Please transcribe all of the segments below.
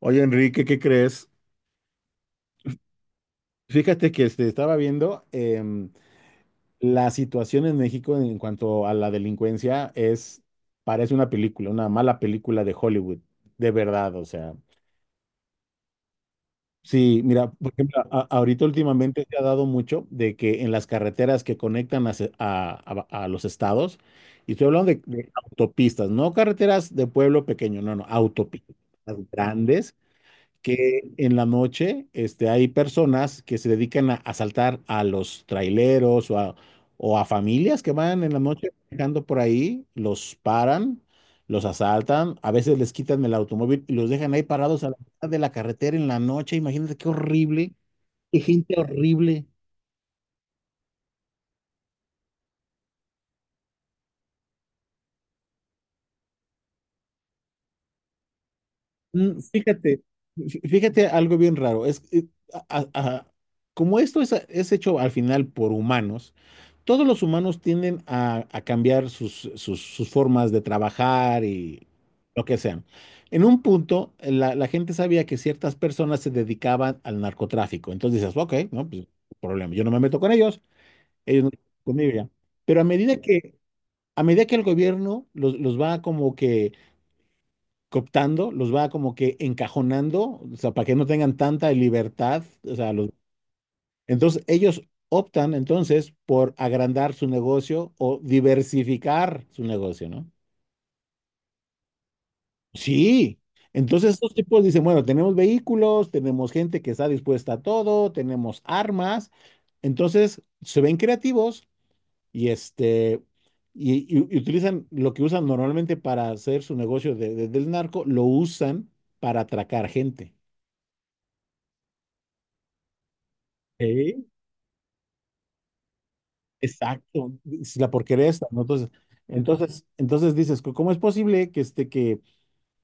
Oye, Enrique, ¿qué crees? Fíjate que estaba viendo la situación en México en cuanto a la delincuencia es, parece una película, una mala película de Hollywood, de verdad, o sea. Sí, mira, por ejemplo, ahorita últimamente se ha dado mucho de que en las carreteras que conectan a, se- a los estados, y estoy hablando de autopistas, no carreteras de pueblo pequeño, no, no, autopistas grandes que en la noche hay personas que se dedican a asaltar a los traileros o a familias que van en la noche manejando por ahí, los paran, los asaltan, a veces les quitan el automóvil y los dejan ahí parados a la mitad de la carretera en la noche. Imagínate qué horrible, qué gente horrible. Fíjate, fíjate algo bien raro. Es, a- como esto es hecho al final por humanos, todos los humanos tienden a cambiar sus formas de trabajar y lo que sean. En un punto, la gente sabía que ciertas personas se dedicaban al narcotráfico. Entonces dices, ok, no, pues problema. Yo no me meto con ellos, ellos no conmigo ya. Pero a medida que el gobierno los va como que cooptando, los va como que encajonando, o sea, para que no tengan tanta libertad, o sea, los... Entonces ellos optan entonces por agrandar su negocio o diversificar su negocio, ¿no? Sí. Entonces estos tipos dicen, bueno, tenemos vehículos, tenemos gente que está dispuesta a todo, tenemos armas, entonces se ven creativos y este y utilizan lo que usan normalmente para hacer su negocio del narco, lo usan para atracar gente. Exacto, es la porquería esta, ¿no? Entonces dices, ¿cómo es posible que, este,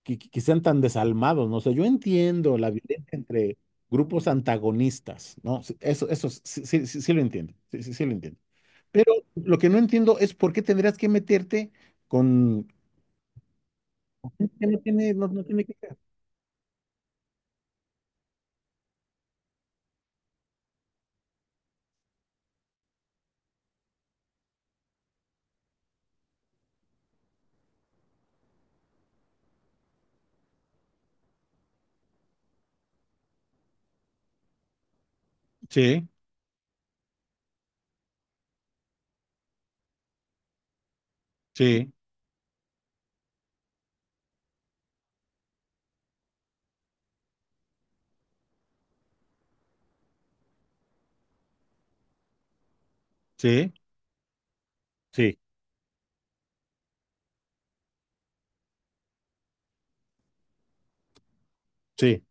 que sean tan desalmados?" ¿no? O sea, yo entiendo la violencia entre grupos antagonistas, ¿no? Sí, eso sí, sí, sí, sí lo entiendo, sí, sí, sí lo entiendo. Pero lo que no entiendo es por qué tendrías que meterte con... Que no tiene, no, no tiene que... ver. Sí, sí, sí, sí, sí.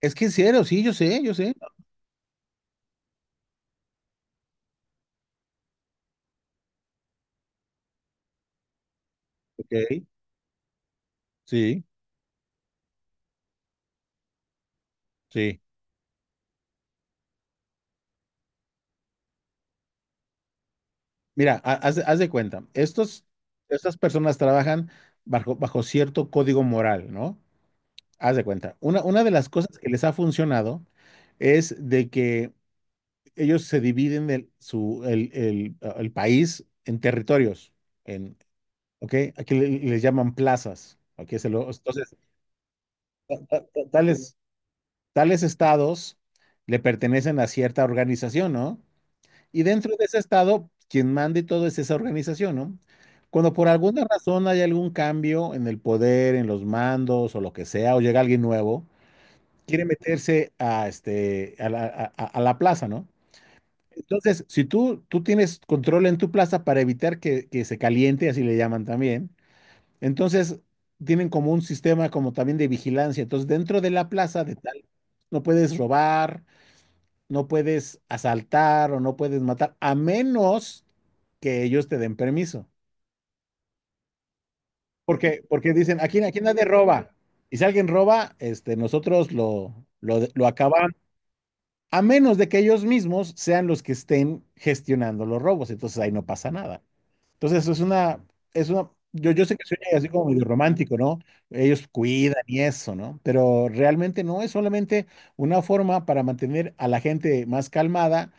Es que en serio, sí, yo sé, yo sé. Ok, sí, sí. Mira, haz de cuenta, estos, estas personas trabajan bajo cierto código moral, ¿no? Haz de cuenta. Una de las cosas que les ha funcionado es de que ellos se dividen el, su, el país en territorios, en, ¿ok? Aquí les llaman plazas, ¿ok? Entonces, tales, tales estados le pertenecen a cierta organización, ¿no? Y dentro de ese estado, quien mande todo es esa organización, ¿no? Cuando por alguna razón hay algún cambio en el poder, en los mandos o lo que sea, o llega alguien nuevo, quiere meterse a, este, a la plaza, ¿no? Entonces, si tú, tú tienes control en tu plaza para evitar que se caliente, así le llaman también, entonces tienen como un sistema como también de vigilancia. Entonces, dentro de la plaza de tal, no puedes robar, no puedes asaltar o no puedes matar, a menos que ellos te den permiso. Porque, porque dicen, aquí, aquí nadie roba. Y si alguien roba, nosotros lo acabamos, a menos de que ellos mismos sean los que estén gestionando los robos. Entonces ahí no pasa nada. Entonces eso es una, yo sé que soy así como medio romántico, ¿no? Ellos cuidan y eso, ¿no? Pero realmente no es solamente una forma para mantener a la gente más calmada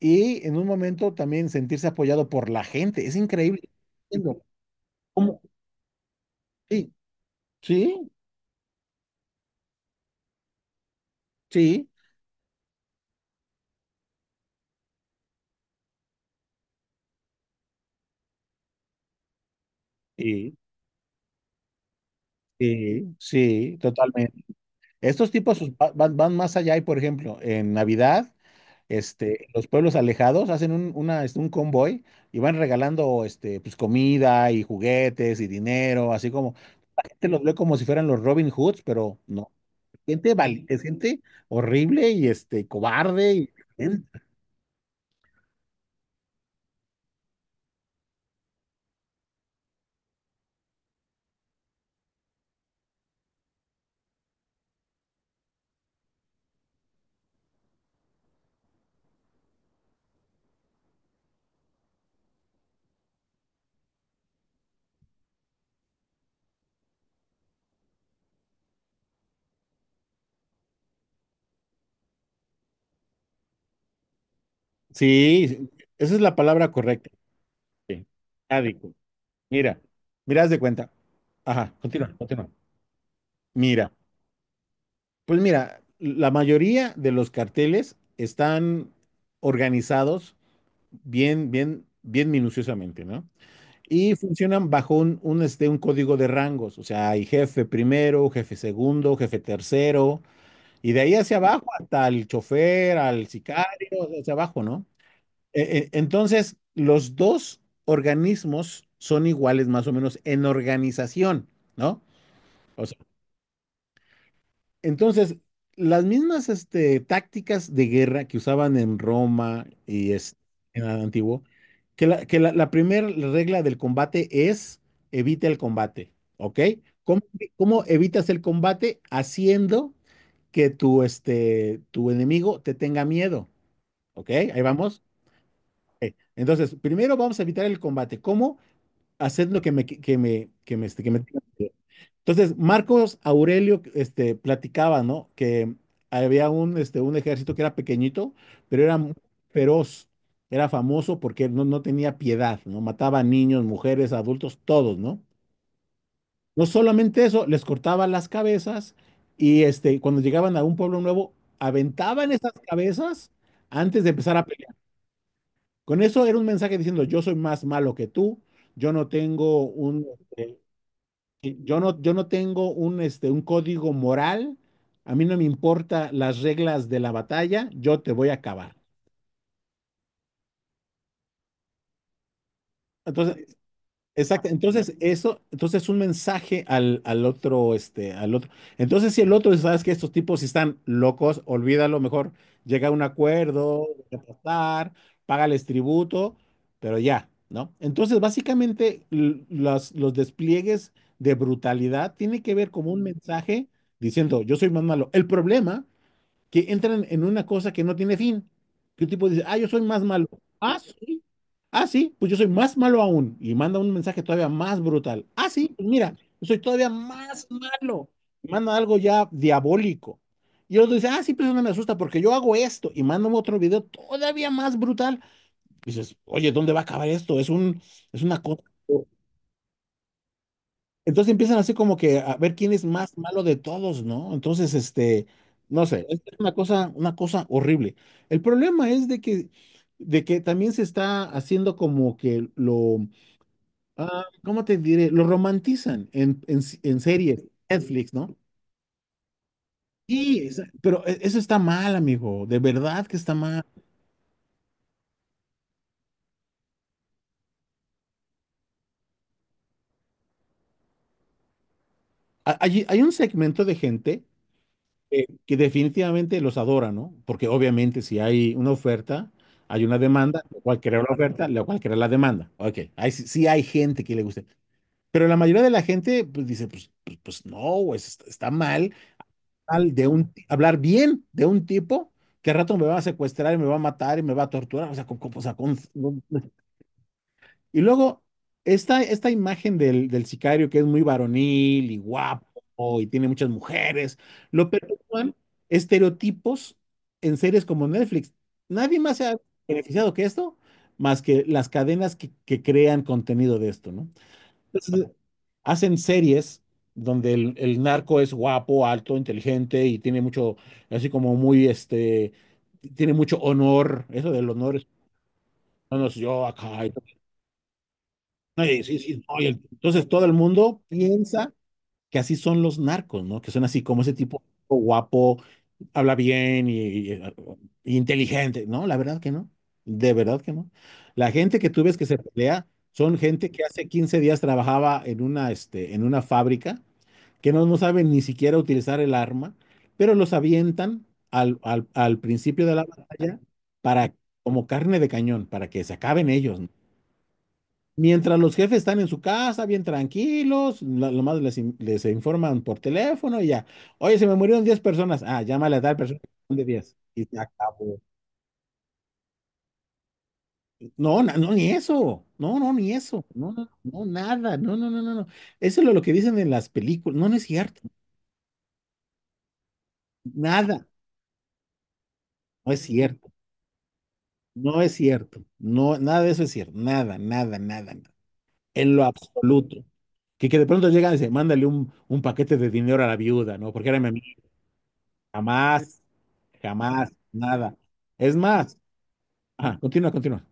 y en un momento también sentirse apoyado por la gente. Es increíble. Entiendo. ¿Cómo? Sí, sí, sí, sí, sí, sí, totalmente. Estos tipos van, van más allá y, por ejemplo, en Navidad. En los pueblos alejados, hacen un convoy y van regalando pues, comida y juguetes y dinero, así como la gente los ve como si fueran los Robin Hoods, pero no, gente valiente, gente horrible cobarde. Y, sí, sí, esa es la palabra correcta, sádico. Mira, mira, haz de cuenta. Ajá, continúa, continúa. Mira, pues mira, la mayoría de los carteles están organizados bien, bien, bien minuciosamente, ¿no? Y funcionan bajo un código de rangos, o sea, hay jefe primero, jefe segundo, jefe tercero, y de ahí hacia abajo hasta el chofer, al sicario, hacia abajo, ¿no? Entonces, los dos organismos son iguales más o menos en organización, ¿no? O sea, entonces, las mismas tácticas de guerra que usaban en Roma en el antiguo, la primera regla del combate es evita el combate, ¿ok? ¿Cómo, cómo evitas el combate? Haciendo que tu enemigo te tenga miedo, ¿ok? Ahí vamos. Ok. Entonces, primero vamos a evitar el combate. ¿Cómo? Haciendo que me tenga miedo. Entonces, Marcos Aurelio, platicaba, ¿no? Que había un ejército que era pequeñito, pero era muy feroz, era famoso porque no, no tenía piedad, ¿no? Mataba a niños, mujeres, adultos, todos, ¿no? No solamente eso, les cortaba las cabezas cuando llegaban a un pueblo nuevo, aventaban esas cabezas antes de empezar a pelear. Con eso era un mensaje diciendo, yo soy más malo que tú, yo no tengo este, sí, yo no, yo no tengo un código moral, a mí no me importa las reglas de la batalla, yo te voy a acabar. Entonces, exacto. Entonces, eso, entonces un mensaje al, al otro, al otro. Entonces, si el otro dice, sabes que estos tipos están locos, olvídalo, mejor llega a un acuerdo, deja pasar, págales tributo, pero ya, ¿no? Entonces, básicamente, los despliegues de brutalidad tiene que ver como un mensaje diciendo, yo soy más malo. El problema que entran en una cosa que no tiene fin. Que un tipo dice, ah, yo soy más malo. Ah, sí. Ah, sí, pues yo soy más malo aún. Y manda un mensaje todavía más brutal. Ah, sí, pues mira, yo soy todavía más malo. Y manda algo ya diabólico. Y el otro dice, ah, sí, pero eso no me asusta porque yo hago esto. Y manda otro video todavía más brutal. Y dices, oye, ¿dónde va a acabar esto? Es una cosa. Entonces empiezan así como que a ver quién es más malo de todos, ¿no? Entonces, no sé, es una cosa horrible. El problema es de que también se está haciendo como que ¿cómo te diré? Lo romantizan en series, Netflix, ¿no? Sí, es- pero eso está mal, amigo, de verdad que está mal. Hay un segmento de gente que definitivamente los adora, ¿no? Porque obviamente si hay una oferta, hay una demanda, lo cual crea la oferta, lo cual crea la demanda. Ok, ahí sí, sí hay gente que le guste. Pero la mayoría de la gente pues, dice, pues, pues, pues no, pues, está mal, mal de un, hablar bien de un tipo que al rato me va a secuestrar y me va a matar y me va a torturar. O sea, con, o sea, no, y luego, esta imagen del sicario que es muy varonil y guapo y tiene muchas mujeres, lo perpetúan estereotipos en series como Netflix. Nadie más se ha beneficiado que esto, más que las cadenas que crean contenido de esto, ¿no? Entonces, hacen series donde el narco es guapo, alto, inteligente y tiene mucho, así como muy, tiene mucho honor, eso del honor es, no, no, si yo acá, no, y sí, sí, no, entonces todo el mundo piensa que así son los narcos, ¿no? Que son así como ese tipo guapo, habla bien y, y- y inteligente. No, la verdad que no. De verdad que no. La gente que tú ves que se pelea son gente que hace 15 días trabajaba en una, en una fábrica, que no, no saben ni siquiera utilizar el arma, pero los avientan al al principio de la batalla para, como carne de cañón, para que se acaben ellos, ¿no? Mientras los jefes están en su casa, bien tranquilos, lo más les, in- les informan por teléfono y ya. Oye, se me murieron 10 personas. Ah, llámale a tal persona son de 10. Y se acabó. No, no, ni eso. No, no, ni eso. No, no, no, nada. No, no, no, no, no. Eso es lo que dicen en las películas. No, no es cierto. Nada. No es cierto. No es cierto. No, nada de eso es cierto. Nada, nada, nada, nada. En lo absoluto. Que de pronto llegan y dicen, mándale un paquete de dinero a la viuda, ¿no? Porque era mi amiga. Jamás. Jamás, nada. Es más, ah, continúa, continúa.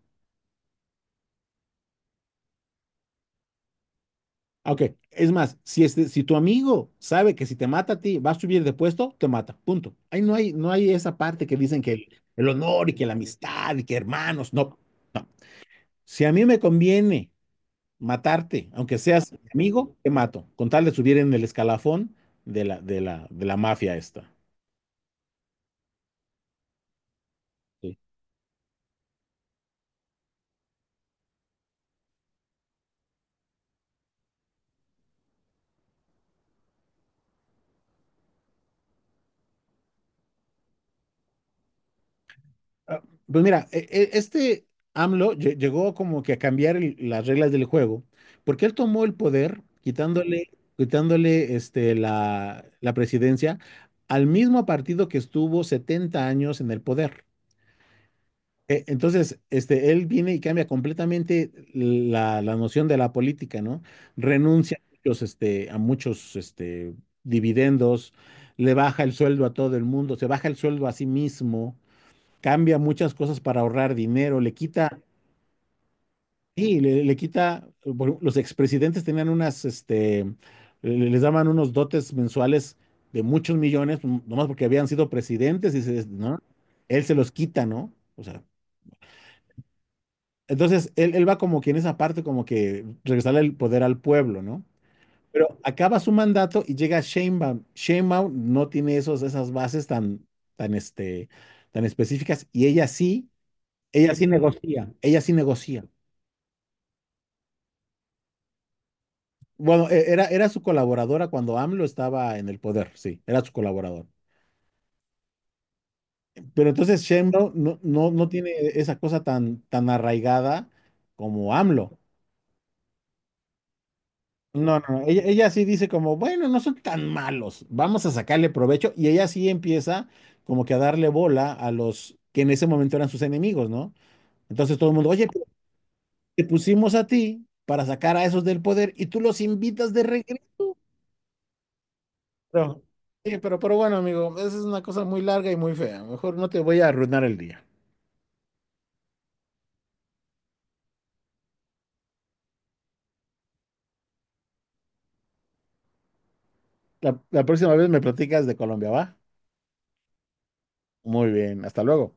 Ah, ok, es más, si, este, si tu amigo sabe que si te mata a ti va a subir de puesto, te mata, punto. Ahí no hay, no hay esa parte que dicen que el honor y que la amistad y que hermanos, no, no. Si a mí me conviene matarte, aunque seas mi amigo, te mato, con tal de subir en el escalafón de la, de la mafia esta. Sí. Ah, pues mira, AMLO llegó como que a cambiar las reglas del juego, porque él tomó el poder quitándole, quitándole la, la presidencia al mismo partido que estuvo 70 años en el poder. Entonces, él viene y cambia completamente la noción de la política, ¿no? Renuncia a muchos, a muchos, dividendos, le baja el sueldo a todo el mundo, se baja el sueldo a sí mismo, cambia muchas cosas para ahorrar dinero, le quita, sí, le quita, los expresidentes tenían unas, le- les daban unos dotes mensuales de muchos millones, nomás porque habían sido presidentes y se, ¿no? Él se los quita, ¿no? O sea, entonces él va como que en esa parte, como que regresarle el poder al pueblo, ¿no? Pero acaba su mandato y llega Sheinbaum. Sheinbaum no tiene esos, esas bases tan, tan, este, tan específicas y ella sí negocia, ella sí negocia. Bueno, era su colaboradora cuando AMLO estaba en el poder, sí, era su colaborador. Pero entonces Sheinbaum no, no, no tiene esa cosa tan, tan arraigada como AMLO. No, no, no, ella sí dice como, bueno, no son tan malos, vamos a sacarle provecho. Y ella sí empieza como que a darle bola a los que en ese momento eran sus enemigos, ¿no? Entonces todo el mundo, oye, pero te pusimos a ti para sacar a esos del poder y tú los invitas de regreso. Pero, sí, pero bueno, amigo, esa es una cosa muy larga y muy fea. Mejor no te voy a arruinar el día. La próxima vez me platicas de Colombia, ¿va? Muy bien, hasta luego.